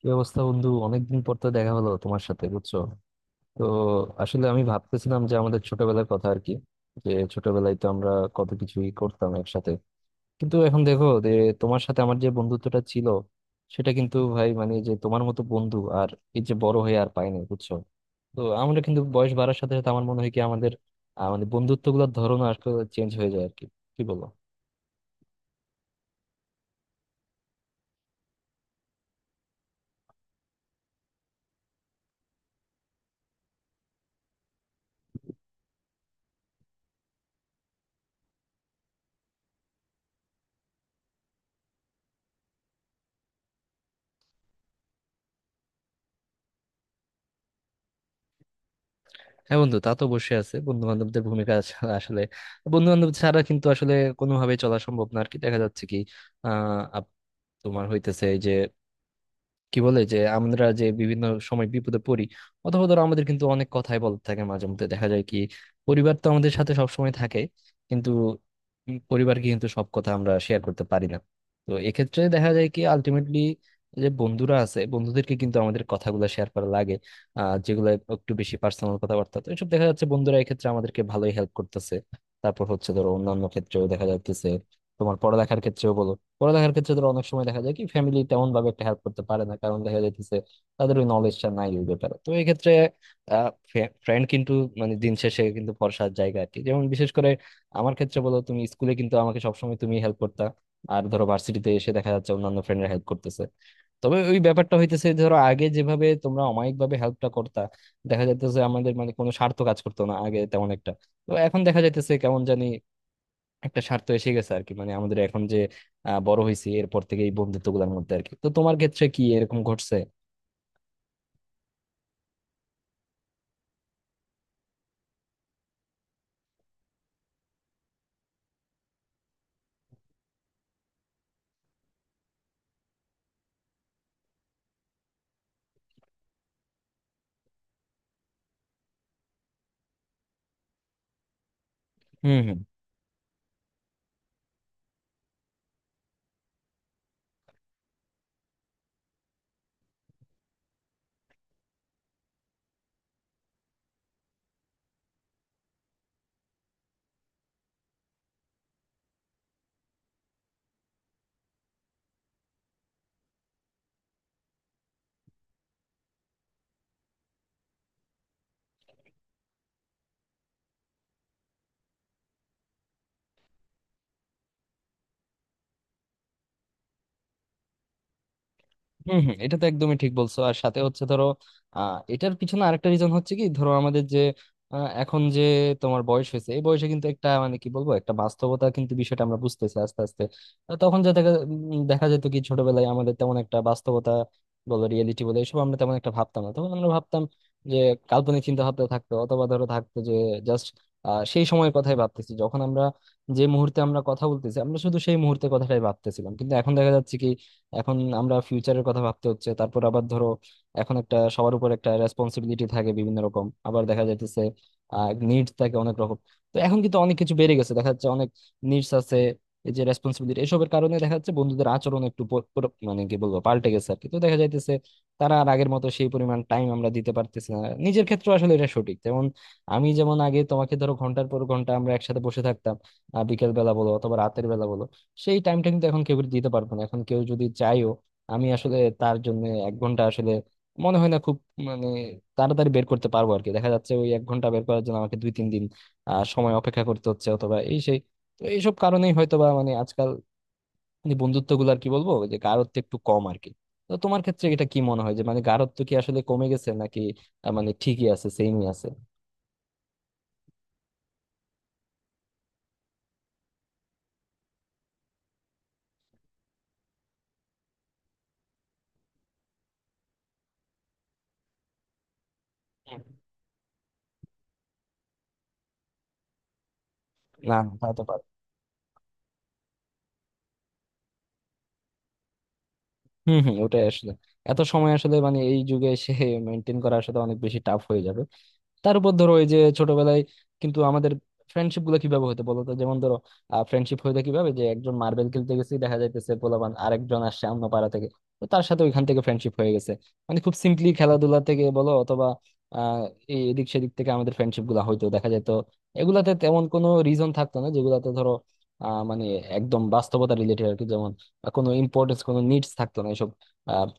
কি অবস্থা বন্ধু, অনেকদিন পর তো দেখা হলো তোমার সাথে, বুঝছো? তো আসলে আমি ভাবতেছিলাম যে আমাদের ছোটবেলার কথা আর কি, যে ছোটবেলায় তো আমরা কত কিছুই করতাম একসাথে, কিন্তু এখন দেখো যে তোমার সাথে আমার যে বন্ধুত্বটা ছিল সেটা কিন্তু ভাই মানে যে তোমার মতো বন্ধু আর এই যে বড় হয়ে আর পাইনি, বুঝছো? তো আমরা কিন্তু বয়স বাড়ার সাথে সাথে আমার মনে হয় কি আমাদের মানে বন্ধুত্ব গুলোর ধরন আসলে চেঞ্জ হয়ে যায় আর কি, কি বলো? হ্যাঁ বন্ধু, তা তো অবশ্যই আছে, বন্ধু বান্ধবদের ভূমিকা আছে। আসলে বন্ধু বান্ধব ছাড়া কিন্তু আসলে কোনোভাবে চলা সম্ভব না আর কি। দেখা যাচ্ছে কি আহ আপ- তোমার হইতেছে এই যে কি বলে যে আমরা যে বিভিন্ন সময় বিপদে পড়ি, অথবা ধরো আমাদের কিন্তু অনেক কথাই বলতে থাকে মাঝে মধ্যে দেখা যায় কি, পরিবার তো আমাদের সাথে সবসময় থাকে, কিন্তু পরিবারকে কিন্তু সব কথা আমরা শেয়ার করতে পারি না। তো এক্ষেত্রে দেখা যায় কি আলটিমেটলি যে বন্ধুরা আছে, বন্ধুদেরকে কিন্তু আমাদের কথাগুলো শেয়ার করা লাগে, যেগুলো একটু বেশি পার্সোনাল কথাবার্তা। তো এসব দেখা যাচ্ছে বন্ধুরা এক্ষেত্রে আমাদেরকে ভালোই হেল্প করতেছে। তারপর হচ্ছে ধরো অন্যান্য ক্ষেত্রেও দেখা যাচ্ছে, তোমার পড়ালেখার ক্ষেত্রেও বলো, পড়ালেখার ক্ষেত্রে ধরো অনেক সময় দেখা যায় কি ফ্যামিলি তেমন ভাবে একটা হেল্প করতে পারে না, কারণ দেখা যাইতেছে তাদের ওই নলেজটা নাই ওই ব্যাপারে। তো এই ক্ষেত্রে ফ্রেন্ড কিন্তু মানে দিন শেষে কিন্তু ভরসার জায়গা আর কি, যেমন বিশেষ করে আমার ক্ষেত্রে বলো তুমি স্কুলে কিন্তু আমাকে সবসময় তুমি হেল্প করতা, আর ধরো ভার্সিটিতে এসে দেখা যাচ্ছে অন্যান্য ফ্রেন্ডরা হেল্প করতেছে। তবে ওই ব্যাপারটা হইতেছে ধরো আগে যেভাবে তোমরা অমায়িক ভাবে হেল্পটা করতা, দেখা যাইতেছে আমাদের মানে কোনো স্বার্থ কাজ করতো না আগে তেমন একটা, তো এখন দেখা যাইতেছে কেমন জানি একটা স্বার্থ এসে গেছে আর কি, মানে আমাদের এখন যে বড় হয়েছি এরপর থেকে এই বন্ধুত্ব গুলোর মধ্যে আর কি। তো তোমার ক্ষেত্রে কি এরকম ঘটছে? হম হম হম এটা তো একদমই ঠিক বলছো। আর সাথে হচ্ছে ধরো এটার পিছনে আরেকটা রিজন হচ্ছে কি, ধরো আমাদের যে এখন যে তোমার বয়স হয়েছে এই বয়সে কিন্তু একটা মানে কি বলবো একটা বাস্তবতা কিন্তু বিষয়টা আমরা বুঝতেছি আস্তে আস্তে। তখন যা দেখা যেত কি ছোটবেলায় আমাদের তেমন একটা বাস্তবতা বলো রিয়েলিটি বলে এসব আমরা তেমন একটা ভাবতাম না, তখন আমরা ভাবতাম যে কাল্পনিক চিন্তা ভাবনা থাকতো, অথবা ধরো থাকতো যে জাস্ট সেই সময়ের কথাই ভাবতেছি, যখন আমরা যে মুহূর্তে আমরা কথা বলতেছি আমরা শুধু সেই মুহূর্তে কথাটাই ভাবতেছিলাম, কিন্তু এখন দেখা যাচ্ছে কি এখন আমরা ফিউচারের কথা ভাবতে হচ্ছে, তারপর আবার ধরো এখন একটা সবার উপর একটা রেসপন্সিবিলিটি থাকে বিভিন্ন রকম, আবার দেখা যাইতেছে নিডস থাকে অনেক রকম। তো এখন কিন্তু অনেক কিছু বেড়ে গেছে, দেখা যাচ্ছে অনেক নিডস আছে। এই যে রেসপন্সিবিলিটি, এসবের কারণে দেখা যাচ্ছে বন্ধুদের আচরণ একটু মানে কি বলবো পাল্টে গেছে আর কি। তো দেখা যাইতেছে তারা আর আগের মতো সেই পরিমাণ টাইম আমরা দিতে পারতেছি না। নিজের ক্ষেত্রে আসলে এটা সঠিক, যেমন আমি যেমন আগে তোমাকে ধরো ঘন্টার পর ঘন্টা আমরা একসাথে বসে থাকতাম, বিকেল বেলা বলো অথবা রাতের বেলা বলো, সেই টাইমটা কিন্তু এখন কেউ দিতে পারবো না। এখন কেউ যদি চাইও আমি আসলে তার জন্য এক ঘন্টা আসলে মনে হয় না খুব মানে তাড়াতাড়ি বের করতে পারবো আর কি। দেখা যাচ্ছে ওই এক ঘন্টা বের করার জন্য আমাকে দুই তিন দিন সময় অপেক্ষা করতে হচ্ছে, অথবা এই সেই। তো এইসব কারণেই হয়তো বা মানে আজকাল বন্ধুত্ব গুলো আর কি বলবো যে গাঢ়ত্ব একটু কম আর কি। তো তোমার ক্ষেত্রে এটা কি মনে হয় যে মানে গাঢ়ত্ব কি আসলে কমে গেছে, নাকি মানে ঠিকই আছে সেমই আছে? না, তা তো। হম হম, ওটাই আসলে এত সময় আসলে মানে এই যুগে এসে মেনটেন করা আসলে অনেক বেশি টাফ হয়ে যাবে। তার উপর ধরো ওই যে ছোটবেলায় কিন্তু আমাদের ফ্রেন্ডশিপ গুলো কিভাবে হতো বলতো? যেমন ধরো ফ্রেন্ডশিপ হইতো কিভাবে, যে একজন মার্বেল খেলতে গেছি, দেখা যাইতেছে পোলাপান আরেকজন আসছে অন্য পাড়া থেকে, তো তার সাথে ওইখান থেকে ফ্রেন্ডশিপ হয়ে গেছে। মানে খুব সিম্পলি খেলাধুলা থেকে বলো, অথবা আহ এই এদিক সেদিক থেকে আমাদের ফ্রেন্ডশিপ গুলা হইতো দেখা যেত। এগুলাতে তেমন কোনো রিজন থাকতো না, যেগুলাতে ধরো মানে একদম বাস্তবতা রিলেটেড আর কি, বা কোনো ইম্পর্টেন্স কোনো নিডস থাকতো না এসব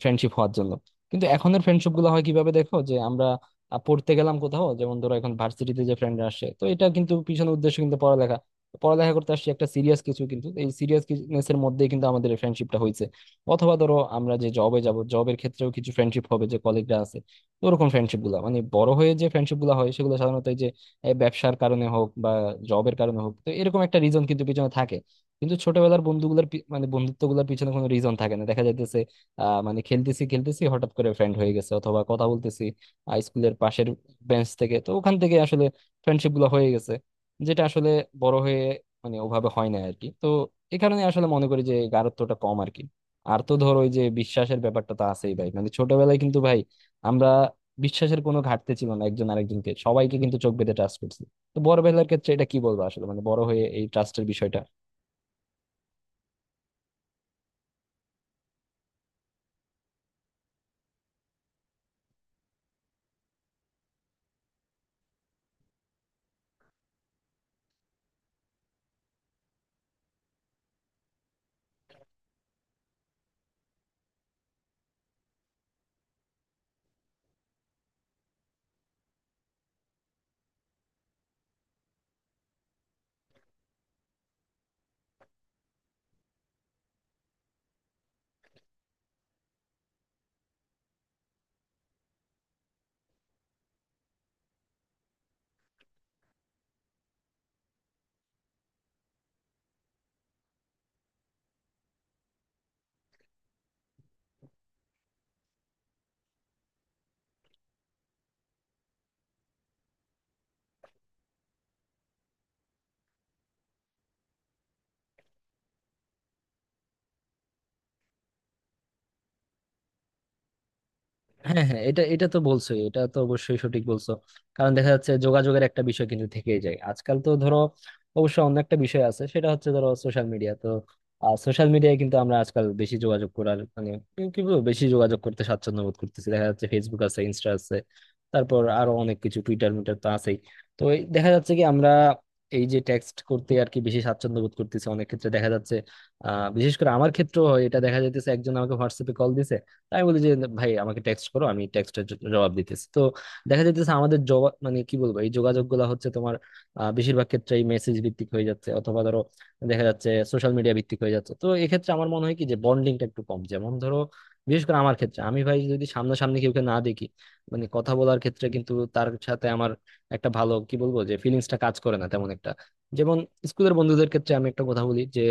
ফ্রেন্ডশিপ হওয়ার জন্য। কিন্তু এখনের ফ্রেন্ডশিপ গুলো হয় কিভাবে দেখো, যে আমরা পড়তে গেলাম কোথাও, যেমন ধরো এখন ভার্সিটিতে যে ফ্রেন্ডরা আসে তো এটা কিন্তু পিছনের উদ্দেশ্য কিন্তু পড়ালেখা, পড়ালেখা করতে আসছি একটা সিরিয়াস কিছু, কিন্তু এই সিরিয়াসনেস এর মধ্যেই কিন্তু আমাদের এই ফ্রেন্ডশিপটা হয়েছে। অথবা ধরো আমরা যে জবে যাব, জবের ক্ষেত্রেও কিছু ফ্রেন্ডশিপ হবে যে কলিগরা আছে। তো ওরকম ফ্রেন্ডশিপ গুলা মানে বড় হয়ে যে ফ্রেন্ডশিপ গুলা হয় সেগুলো সাধারণত এই যে এই ব্যবসার কারণে হোক বা জবের কারণে হোক, তো এরকম একটা রিজন কিন্তু পিছনে থাকে। কিন্তু ছোটবেলার বন্ধুগুলার মানে বন্ধুত্ব গুলার পিছনে কোনো রিজন থাকে না দেখা যাইতেছে। মানে খেলতেছি খেলতেছি হঠাৎ করে ফ্রেন্ড হয়ে গেছে, অথবা কথা বলতেছি স্কুলের পাশের বেঞ্চ থেকে, তো ওখান থেকে আসলে ফ্রেন্ডশিপ গুলো হয়ে গেছে, যেটা আসলে বড় হয়ে মানে ওভাবে হয় না আর কি। তো এই কারণে আসলে মনে করি যে এই গাঢ়ত্বটা কম আর কি। আর তো ধর ওই যে বিশ্বাসের ব্যাপারটা তো আছেই ভাই, মানে ছোটবেলায় কিন্তু ভাই আমরা বিশ্বাসের কোনো ঘাটতি ছিল না, একজন আরেকজনকে সবাইকে কিন্তু চোখ বেঁধে ট্রাস্ট করছি। তো বড় বেলার ক্ষেত্রে এটা কি বলবো আসলে মানে বড় হয়ে এই ট্রাস্টের বিষয়টা। হ্যাঁ হ্যাঁ, এটা এটা তো বলছোই, এটা তো অবশ্যই সঠিক বলছো। কারণ দেখা যাচ্ছে যোগাযোগের একটা বিষয় কিন্তু থেকেই যায় আজকাল। তো ধরো অবশ্য অন্য একটা বিষয় আছে, সেটা হচ্ছে ধরো সোশ্যাল মিডিয়া, তো সোশ্যাল মিডিয়ায় কিন্তু আমরা আজকাল বেশি যোগাযোগ করার মানে কি কি বলবো বেশি যোগাযোগ করতে স্বাচ্ছন্দ্য বোধ করতেছি। দেখা যাচ্ছে ফেসবুক আছে, ইনস্টা আছে, তারপর আরো অনেক কিছু, টুইটার মিটার তো আছেই। তো এই দেখা যাচ্ছে কি আমরা এই যে টেক্সট করতে আর কি বেশি স্বাচ্ছন্দ্য বোধ করতেছি অনেক ক্ষেত্রে দেখা যাচ্ছে। বিশেষ করে আমার ক্ষেত্রেও হয় এটা, দেখা যাইতেছে একজন আমাকে হোয়াটসঅ্যাপে কল দিছে, আমি বলি যে ভাই আমাকে টেক্সট করো, আমি টেক্সটের জবাব দিতেছি। তো দেখা যাইতেছে আমাদের জবাব মানে কি বলবো এই যোগাযোগ গুলা হচ্ছে তোমার বেশিরভাগ ক্ষেত্রেই মেসেজ ভিত্তিক হয়ে যাচ্ছে, অথবা ধরো দেখা যাচ্ছে সোশ্যাল মিডিয়া ভিত্তিক হয়ে যাচ্ছে। তো এক্ষেত্রে আমার মনে হয় কি যে বন্ডিংটা একটু কম। যেমন ধরো বিশেষ করে আমার ক্ষেত্রে আমি ভাই যদি সামনাসামনি কাউকে না দেখি মানে কথা বলার ক্ষেত্রে কিন্তু তার সাথে আমার একটা ভালো কি বলবো যে ফিলিংসটা কাজ করে না তেমন একটা। যেমন স্কুলের বন্ধুদের ক্ষেত্রে আমি একটা কথা বলি যে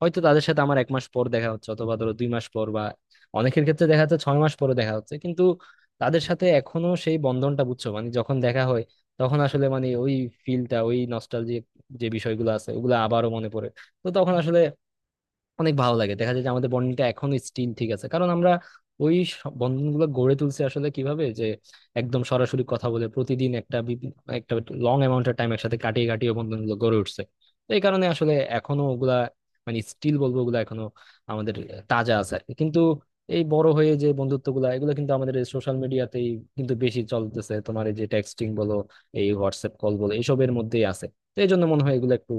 হয়তো তাদের সাথে আমার এক মাস পর দেখা হচ্ছে অথবা ধরো দুই মাস পর, অনেকের ক্ষেত্রে দেখা যাচ্ছে ছয় মাস পরে দেখা হচ্ছে, কিন্তু তাদের সাথে এখনো সেই বন্ধনটা, বুঝছো, মানে যখন দেখা হয় তখন আসলে মানে ওই ফিলটা, ওই নস্টালজিক যে বিষয়গুলো আছে ওগুলো আবারও মনে পড়ে। তো তখন আসলে অনেক ভালো লাগে, দেখা যায় যে আমাদের বন্ডিংটা এখনো স্টিল ঠিক আছে, কারণ আমরা বন্ধনগুলো গড়ে তুলছি আসলে কিভাবে, যে একদম সরাসরি কথা বলে প্রতিদিন একটা লং অ্যামাউন্টের টাইম একসাথে কাটিয়ে কাটিয়ে বন্ধনগুলো গড়ে উঠছে। তো এই কারণে আসলে এখনো ওগুলা মানে স্টিল বলবো ওগুলা এখনো আমাদের তাজা আছে আর কি। কিন্তু এই বড় হয়ে যে বন্ধুত্বগুলা এগুলো কিন্তু আমাদের সোশ্যাল মিডিয়াতেই কিন্তু বেশি চলতেছে, তোমার এই যে টেক্সটিং বলো, এই হোয়াটসঅ্যাপ কল বলো, এইসবের মধ্যেই আছে। তো এই জন্য মনে হয় এগুলো একটু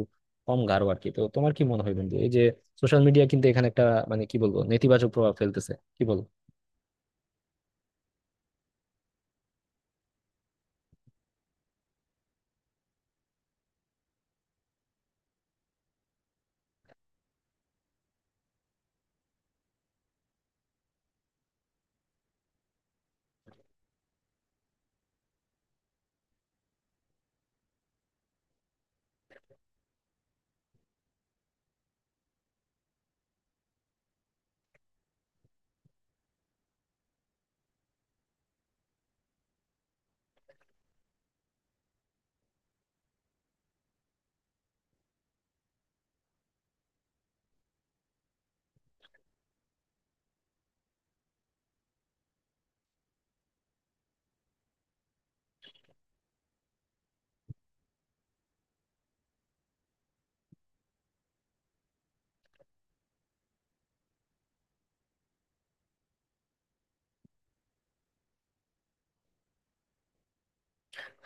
কম গাঢ় আর কি। তো তোমার কি মনে হয় বন্ধু, এই যে সোশ্যাল মিডিয়া কিন্তু এখানে একটা মানে কি বলবো নেতিবাচক প্রভাব ফেলতেছে, কি বল?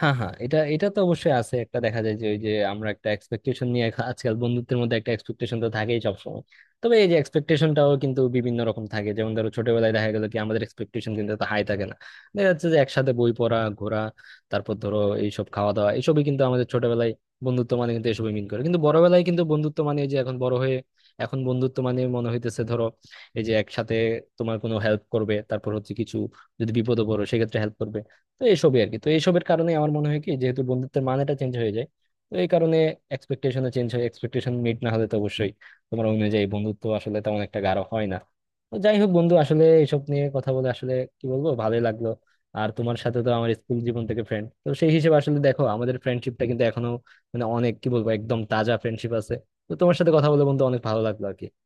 হ্যাঁ হ্যাঁ, এটা এটা তো অবশ্যই আছে একটা, দেখা যায় যে ওই যে আমরা একটা এক্সপেকটেশন নিয়ে আজকাল বন্ধুত্বের মধ্যে একটা এক্সপেকটেশন তো থাকেই সবসময়। তবে এই যে এক্সপেকটেশনটাও কিন্তু বিভিন্ন রকম থাকে, যেমন ধরো ছোটবেলায় দেখা গেল কি আমাদের এক্সপেকটেশন কিন্তু এত হাই থাকে না। দেখা যাচ্ছে যে একসাথে বই পড়া, ঘোরা, তারপর ধরো এইসব খাওয়া দাওয়া, এইসবই কিন্তু আমাদের ছোটবেলায় বন্ধুত্ব মানে কিন্তু এসবই মিন করে। কিন্তু বড়বেলায় কিন্তু বন্ধুত্ব মানে এই যে এখন বড় হয়ে এখন বন্ধুত্ব মানে মনে হইতেছে ধরো এই যে একসাথে তোমার কোনো হেল্প করবে, তারপর হচ্ছে কিছু যদি বিপদে পড়ো সেক্ষেত্রে হেল্প করবে। তো এইসবই আর কি। তো এইসবের কারণে আমার মনে হয় কি যেহেতু বন্ধুত্বের মানেটা চেঞ্জ হয়ে যায়, তো এই কারণে এক্সপেকটেশনও চেঞ্জ হয়, এক্সপেকটেশন মিট না হলে তো অবশ্যই তোমার অনুযায়ী বন্ধুত্ব আসলে তেমন একটা গাঢ় হয় না। তো যাই হোক বন্ধু, আসলে এইসব নিয়ে কথা বলে আসলে কি বলবো ভালোই লাগলো। আর তোমার সাথে তো আমার স্কুল জীবন থেকে ফ্রেন্ড, তো সেই হিসেবে আসলে দেখো আমাদের ফ্রেন্ডশিপটা কিন্তু এখনো মানে অনেক কি বলবো একদম তাজা ফ্রেন্ডশিপ আছে। তো তোমার সাথে কথা বলে বন্ধু অনেক ভালো লাগলো আর কি।